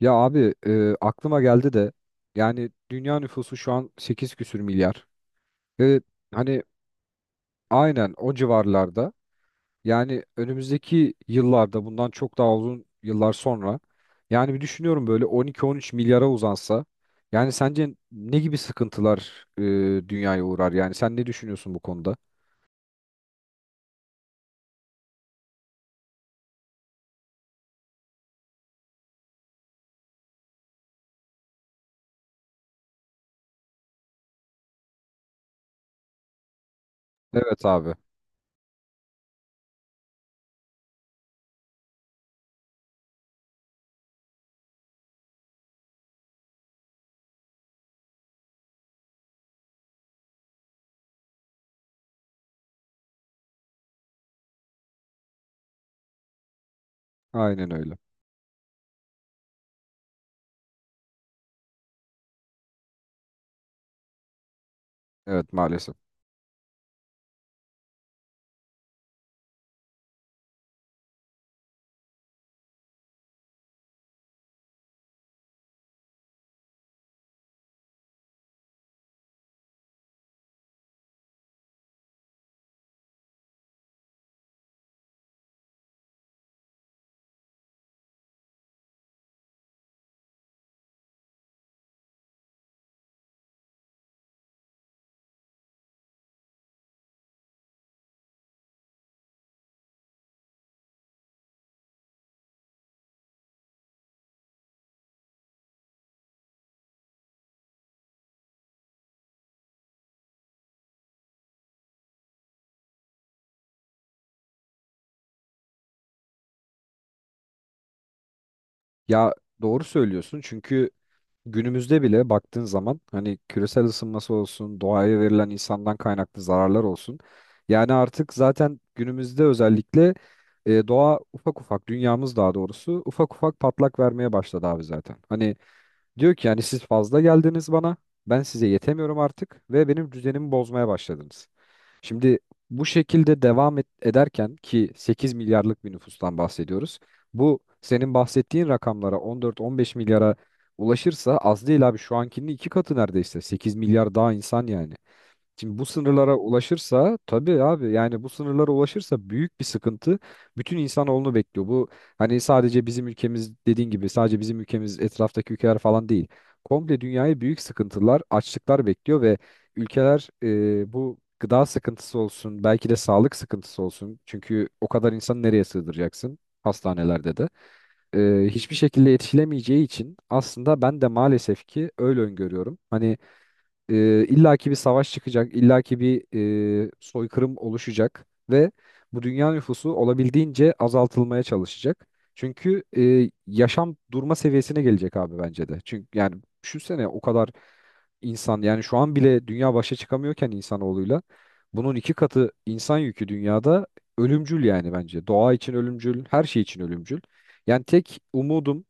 Ya abi aklıma geldi de yani dünya nüfusu şu an 8 küsür milyar. Ve hani Aynen o civarlarda. Yani önümüzdeki yıllarda, bundan çok daha uzun yıllar sonra, yani bir düşünüyorum, böyle on iki on üç milyara uzansa, yani sence ne gibi sıkıntılar dünyaya uğrar? Yani sen ne düşünüyorsun bu konuda? Evet abi, aynen öyle. Evet, maalesef. Ya, doğru söylüyorsun çünkü günümüzde bile baktığın zaman, hani küresel ısınması olsun, doğaya verilen insandan kaynaklı zararlar olsun. Yani artık zaten günümüzde özellikle doğa ufak ufak, dünyamız daha doğrusu ufak ufak patlak vermeye başladı abi zaten. Hani diyor ki, yani siz fazla geldiniz bana. Ben size yetemiyorum artık ve benim düzenimi bozmaya başladınız. Şimdi bu şekilde devam et, ederken ki 8 milyarlık bir nüfustan bahsediyoruz. Bu senin bahsettiğin rakamlara, on dört on beş milyara ulaşırsa, az değil abi, şu ankinin iki katı neredeyse. Sekiz milyar daha insan yani. Şimdi bu sınırlara ulaşırsa tabii abi, yani bu sınırlara ulaşırsa büyük bir sıkıntı bütün insanoğlunu bekliyor. Bu, hani sadece bizim ülkemiz, dediğin gibi sadece bizim ülkemiz, etraftaki ülkeler falan değil. Komple dünyayı büyük sıkıntılar, açlıklar bekliyor ve ülkeler, bu gıda sıkıntısı olsun, belki de sağlık sıkıntısı olsun. Çünkü o kadar insanı nereye sığdıracaksın? Hastanelerde de hiçbir şekilde yetişilemeyeceği için, aslında ben de maalesef ki öyle öngörüyorum. Hani illaki bir savaş çıkacak, illaki bir soykırım oluşacak ve bu dünya nüfusu olabildiğince azaltılmaya çalışacak. Çünkü yaşam durma seviyesine gelecek abi, bence de. Çünkü yani düşünsene, o kadar insan, yani şu an bile dünya başa çıkamıyorken insanoğluyla, bunun iki katı insan yükü dünyada ölümcül yani bence. Doğa için ölümcül, her şey için ölümcül. Yani tek umudum,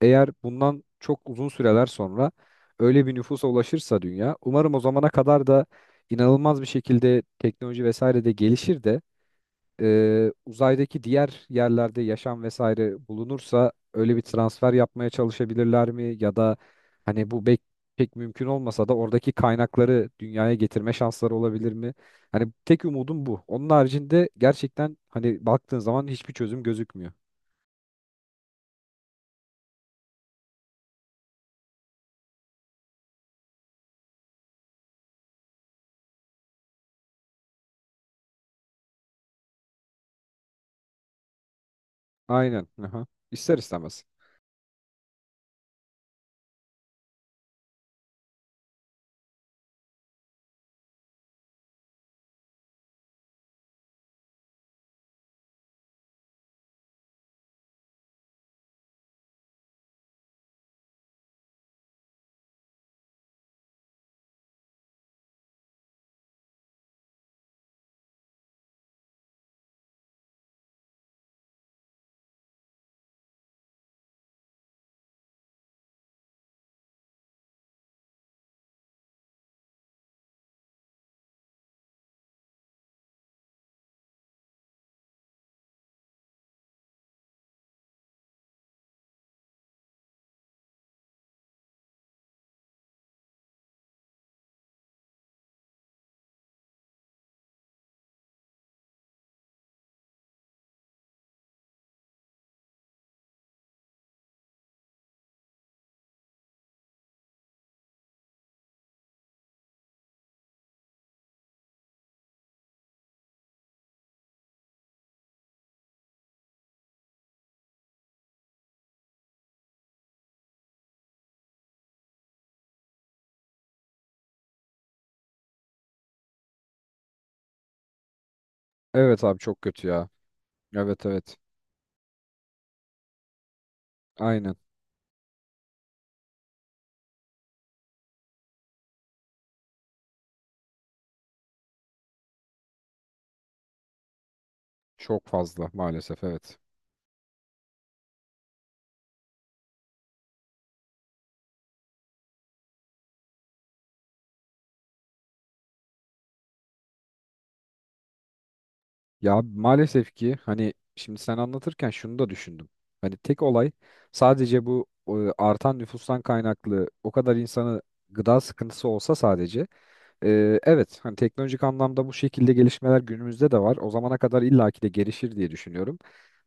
eğer bundan çok uzun süreler sonra öyle bir nüfusa ulaşırsa dünya, umarım o zamana kadar da inanılmaz bir şekilde teknoloji vesaire de gelişir de uzaydaki diğer yerlerde yaşam vesaire bulunursa, öyle bir transfer yapmaya çalışabilirler mi? Ya da hani bu bek pek mümkün olmasa da oradaki kaynakları dünyaya getirme şansları olabilir mi? Hani tek umudum bu. Onun haricinde gerçekten, hani baktığın zaman hiçbir çözüm gözükmüyor. Aynen. Aha. İster istemez. Evet abi, çok kötü ya. Evet, evet. Aynen. Çok fazla maalesef, evet. Ya abi, maalesef ki hani şimdi sen anlatırken şunu da düşündüm. Hani tek olay sadece bu, artan nüfustan kaynaklı o kadar insanı, gıda sıkıntısı olsa sadece, evet hani teknolojik anlamda bu şekilde gelişmeler günümüzde de var. O zamana kadar illaki de gelişir diye düşünüyorum.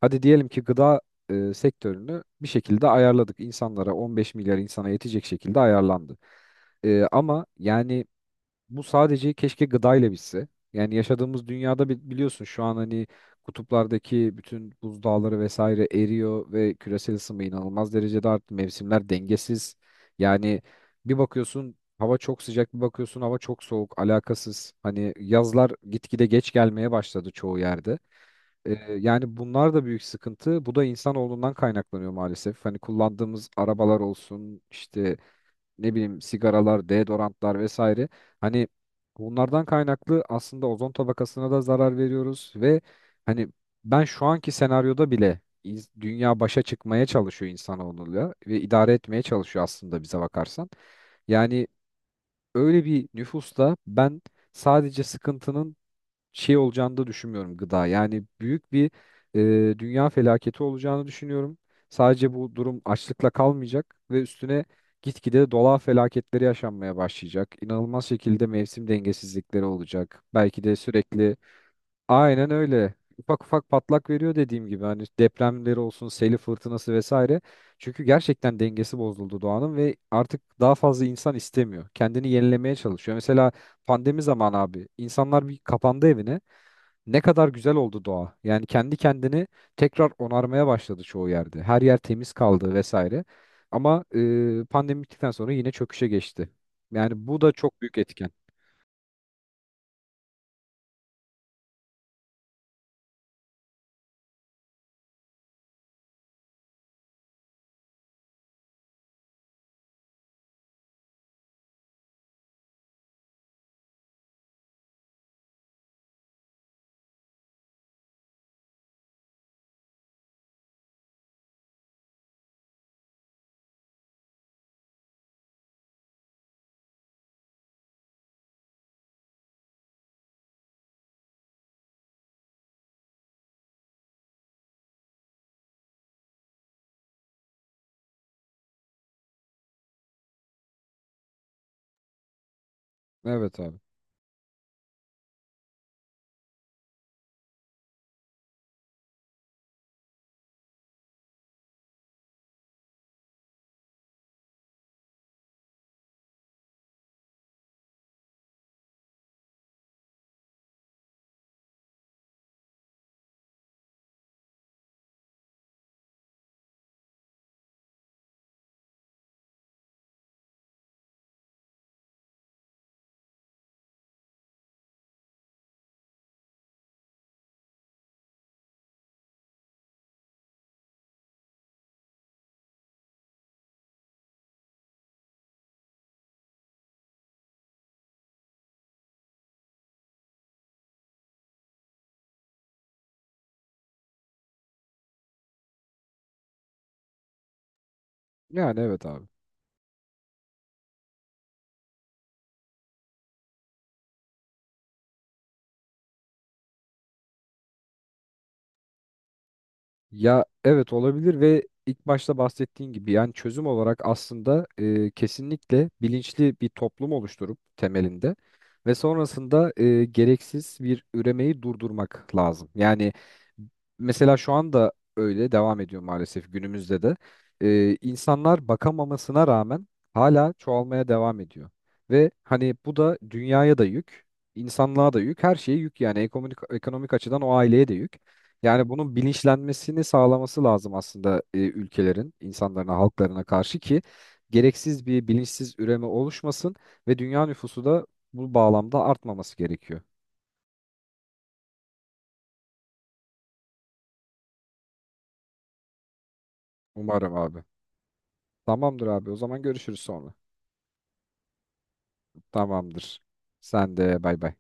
Hadi diyelim ki gıda sektörünü bir şekilde ayarladık. İnsanlara 15 milyar insana yetecek şekilde ayarlandı. Ama yani bu sadece keşke gıdayla bitse. Yani yaşadığımız dünyada biliyorsun şu an hani kutuplardaki bütün buzdağları vesaire eriyor ve küresel ısınma inanılmaz derecede arttı. Mevsimler dengesiz. Yani bir bakıyorsun hava çok sıcak, bir bakıyorsun hava çok soğuk, alakasız. Hani yazlar gitgide geç gelmeye başladı çoğu yerde. Ee, Yani bunlar da büyük sıkıntı. Bu da insanoğlundan kaynaklanıyor maalesef. Hani kullandığımız arabalar olsun, işte ne bileyim sigaralar, deodorantlar vesaire. Hani bunlardan kaynaklı aslında ozon tabakasına da zarar veriyoruz ve hani ben şu anki senaryoda bile dünya başa çıkmaya çalışıyor insanoğluyla ve idare etmeye çalışıyor aslında, bize bakarsan. Yani öyle bir nüfusta ben sadece sıkıntının şey olacağını da düşünmüyorum, gıda. Yani büyük bir dünya felaketi olacağını düşünüyorum. Sadece bu durum açlıkla kalmayacak ve üstüne gitgide dolar felaketleri yaşanmaya başlayacak. İnanılmaz şekilde mevsim dengesizlikleri olacak. Belki de sürekli aynen öyle. Ufak ufak patlak veriyor dediğim gibi, hani depremleri olsun, seli fırtınası vesaire. Çünkü gerçekten dengesi bozuldu doğanın ve artık daha fazla insan istemiyor. Kendini yenilemeye çalışıyor. Mesela pandemi zamanı abi, insanlar bir kapandı evine. Ne kadar güzel oldu doğa. Yani kendi kendini tekrar onarmaya başladı çoğu yerde. Her yer temiz kaldı vesaire. Ama pandemi bittikten sonra yine çöküşe geçti. Yani bu da çok büyük etken. Evet abi. Yani evet abi. Ya evet, olabilir ve ilk başta bahsettiğin gibi yani çözüm olarak aslında, kesinlikle bilinçli bir toplum oluşturup temelinde ve sonrasında gereksiz bir üremeyi durdurmak lazım. Yani mesela şu anda öyle devam ediyor maalesef, günümüzde de insanlar bakamamasına rağmen hala çoğalmaya devam ediyor. Ve hani bu da dünyaya da yük, insanlığa da yük, her şeye yük, yani ekonomik, ekonomik açıdan o aileye de yük. Yani bunun bilinçlenmesini sağlaması lazım aslında, ülkelerin, insanlarına, halklarına karşı, ki gereksiz bir bilinçsiz üreme oluşmasın ve dünya nüfusu da bu bağlamda artmaması gerekiyor. Umarım abi. Tamamdır abi. O zaman görüşürüz sonra. Tamamdır. Sen de bay bay.